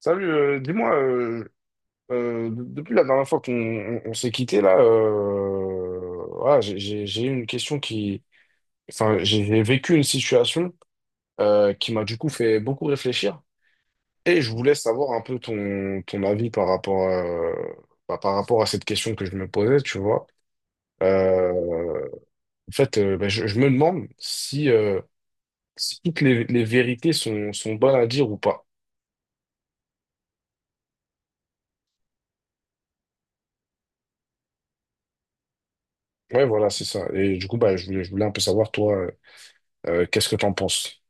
Salut, dis-moi, depuis la dernière fois qu'on on s'est quitté, là, voilà, j'ai eu une question qui... Enfin, j'ai vécu une situation qui m'a du coup fait beaucoup réfléchir. Et je voulais savoir un peu ton avis par rapport, bah, par rapport à cette question que je me posais, tu vois. Euh, En fait, bah, je me demande si, si toutes les vérités sont bonnes à dire ou pas. Ouais, voilà, c'est ça. Et du coup, bah, je voulais un peu savoir, toi. Qu'est-ce que t'en penses?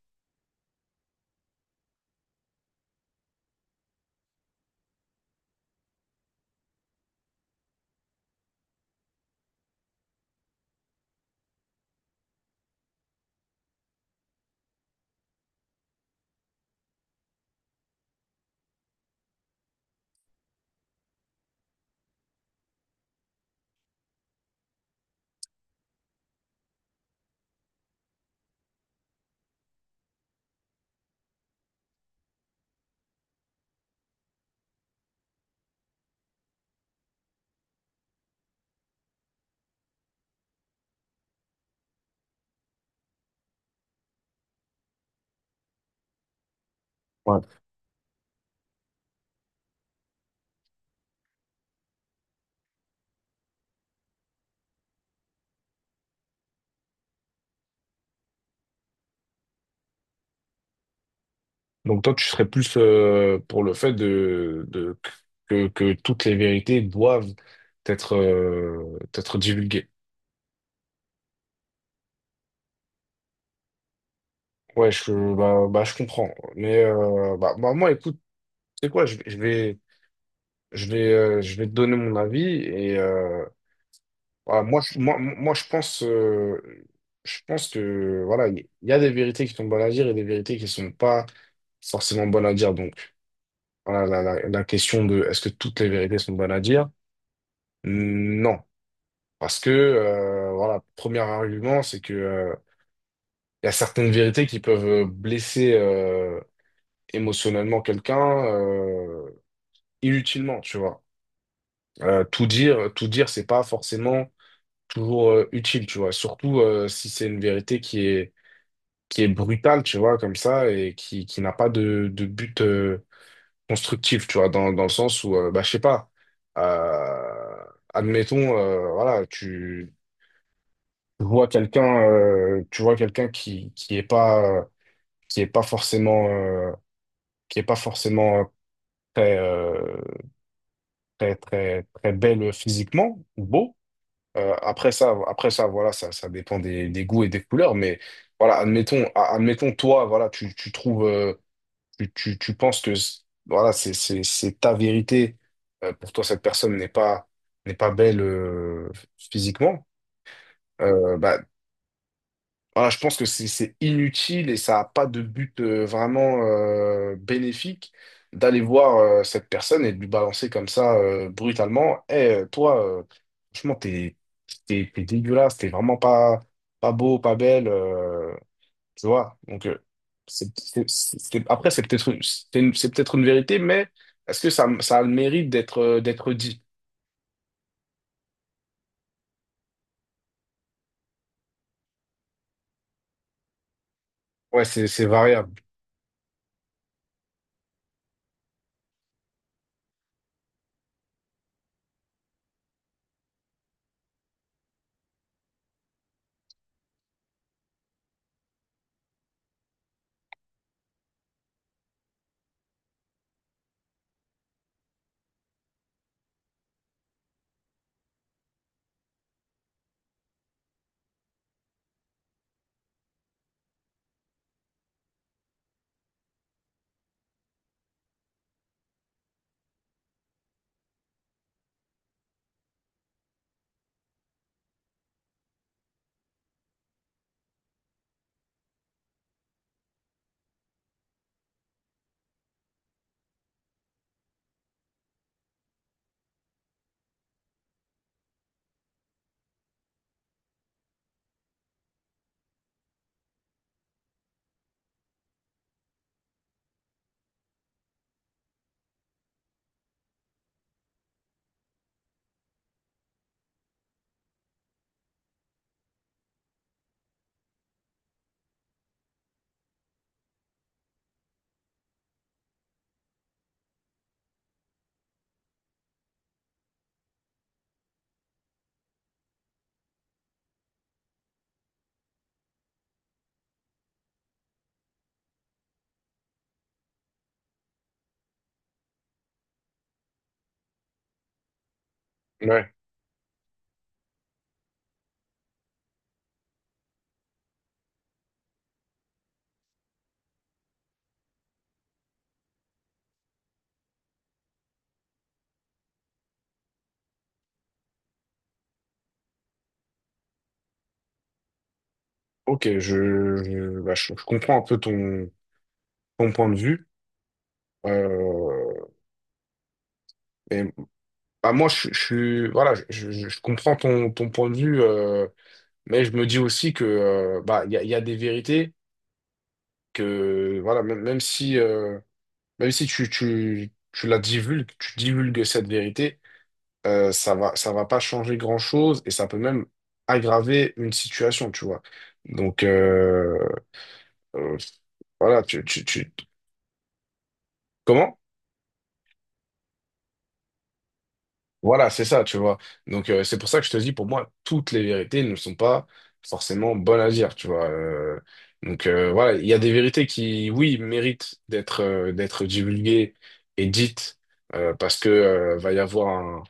Ouais. Donc toi, tu serais plus pour le fait de que toutes les vérités doivent être, être divulguées. Ouais, je, bah, je comprends. Mais bah, bah, moi, écoute, c'est quoi, je vais te donner mon avis. Et voilà, moi, je pense que voilà, il y a des vérités qui sont bonnes à dire et des vérités qui sont pas forcément bonnes à dire. Donc. Voilà, la question de est-ce que toutes les vérités sont bonnes à dire? Non. Parce que, voilà, premier argument, c'est que, il y a certaines vérités qui peuvent blesser émotionnellement quelqu'un inutilement, tu vois. Tout dire, c'est pas forcément toujours utile, tu vois. Surtout si c'est une vérité qui est brutale, tu vois, comme ça, et qui n'a pas de but constructif, tu vois, dans le sens où, bah, je sais pas, euh, admettons, voilà, tu vois quelqu'un, qui est pas forcément, qui est pas forcément très, très belle physiquement, ou beau. Après ça, voilà, ça dépend des goûts et des couleurs, mais voilà, admettons, toi, voilà, tu trouves, tu penses que voilà, c'est ta vérité. Pour toi, cette personne n'est pas, n'est pas belle physiquement. Bah, voilà, je pense que c'est inutile et ça n'a pas de but vraiment bénéfique d'aller voir cette personne et de lui balancer comme ça brutalement. Eh, toi, franchement, t'es dégueulasse, t'es vraiment pas beau, pas belle. Tu vois? Donc, après, c'est peut-être une vérité, mais est-ce que ça a le mérite d'être dit? Ouais, c'est variable. Ouais. Ok, je comprends un peu ton point de vue. Euh, et, Bah, moi, voilà, je comprends ton point de vue, mais je me dis aussi que bah, il y a des vérités que voilà, même si tu la divulgues, tu divulgues cette vérité ça va pas changer grand-chose et ça peut même aggraver une situation, tu vois. Donc, euh, voilà, tu- comment? Voilà, c'est ça, tu vois. Donc, c'est pour ça que je te dis, pour moi, toutes les vérités ne sont pas forcément bonnes à dire, tu vois. Donc, voilà, il y a des vérités qui, oui, méritent d'être divulguées et dites parce que euh, va y avoir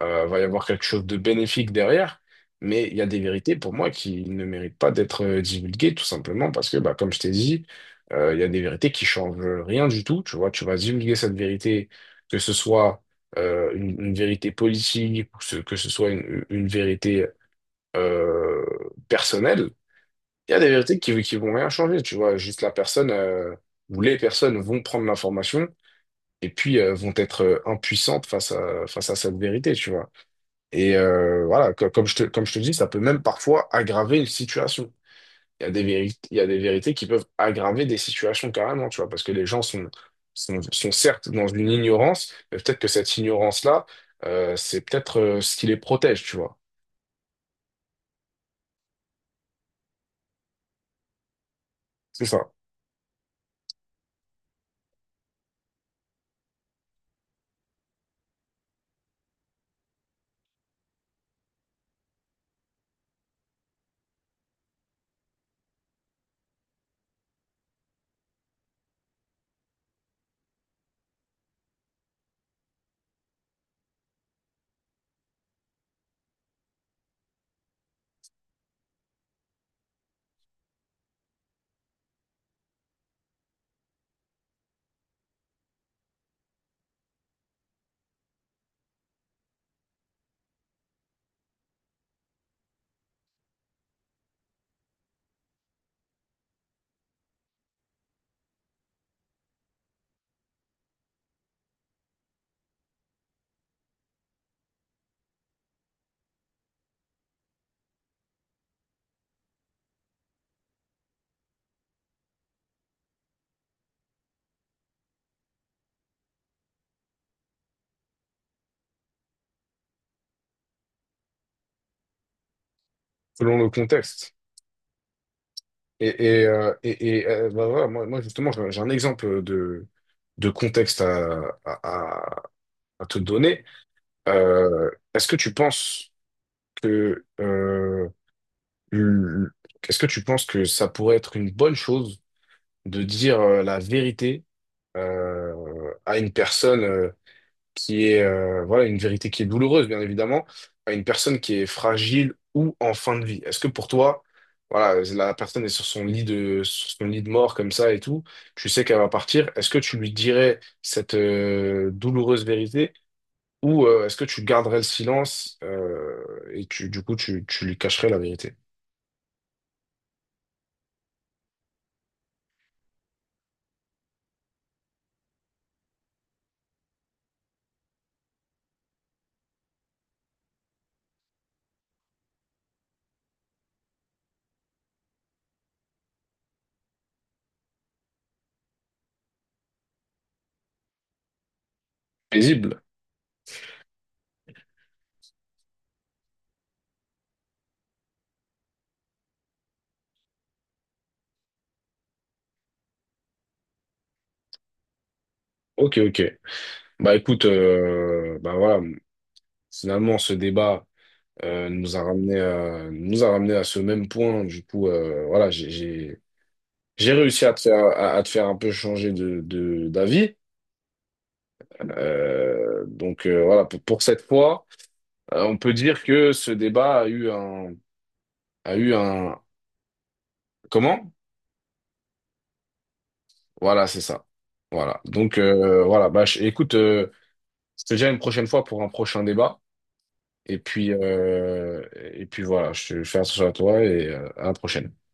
euh, va y avoir quelque chose de bénéfique derrière, mais il y a des vérités pour moi qui ne méritent pas d'être divulguées, tout simplement parce que, bah, comme je t'ai dit, il y a des vérités qui changent rien du tout. Tu vois, tu vas divulguer cette vérité, que ce soit une vérité politique ou que ce soit une vérité euh, personnelle. Il y a des vérités qui vont rien changer, tu vois, juste la personne ou les personnes vont prendre l'information et puis vont être impuissantes face à, face à cette vérité, tu vois. Et voilà, comme je te dis, ça peut même parfois aggraver une situation. Il y a des vérités qui peuvent aggraver des situations carrément, tu vois, parce que les gens sont certes dans une ignorance, mais peut-être que cette ignorance-là, c'est peut-être ce qui les protège, tu vois. C'est ça, selon le contexte. Bah voilà, moi, moi, justement, j'ai un exemple de contexte à à te donner. Euh, est-ce que tu penses que euh, Hum, Est-ce que tu penses que ça pourrait être une bonne chose de dire la vérité à une personne qui est voilà une vérité qui est douloureuse, bien évidemment, à une personne qui est fragile ou en fin de vie? Est-ce que pour toi, voilà, la personne est sur son lit de mort comme ça et tout, tu sais qu'elle va partir, est-ce que tu lui dirais cette douloureuse vérité ou est-ce que tu garderais le silence et tu du coup tu, tu lui cacherais la vérité? Paisible. Ok, ok. Bah écoute, bah voilà, finalement ce débat nous a ramené à ce même point. Du coup, voilà, j'ai réussi à te faire à te faire un peu changer de d'avis. Donc voilà, pour cette fois, on peut dire que ce débat a eu un comment? Voilà, c'est ça. Voilà. Donc voilà, écoute, je te dis à une prochaine fois pour un prochain débat. Et puis, voilà, je fais attention à toi et à la prochaine.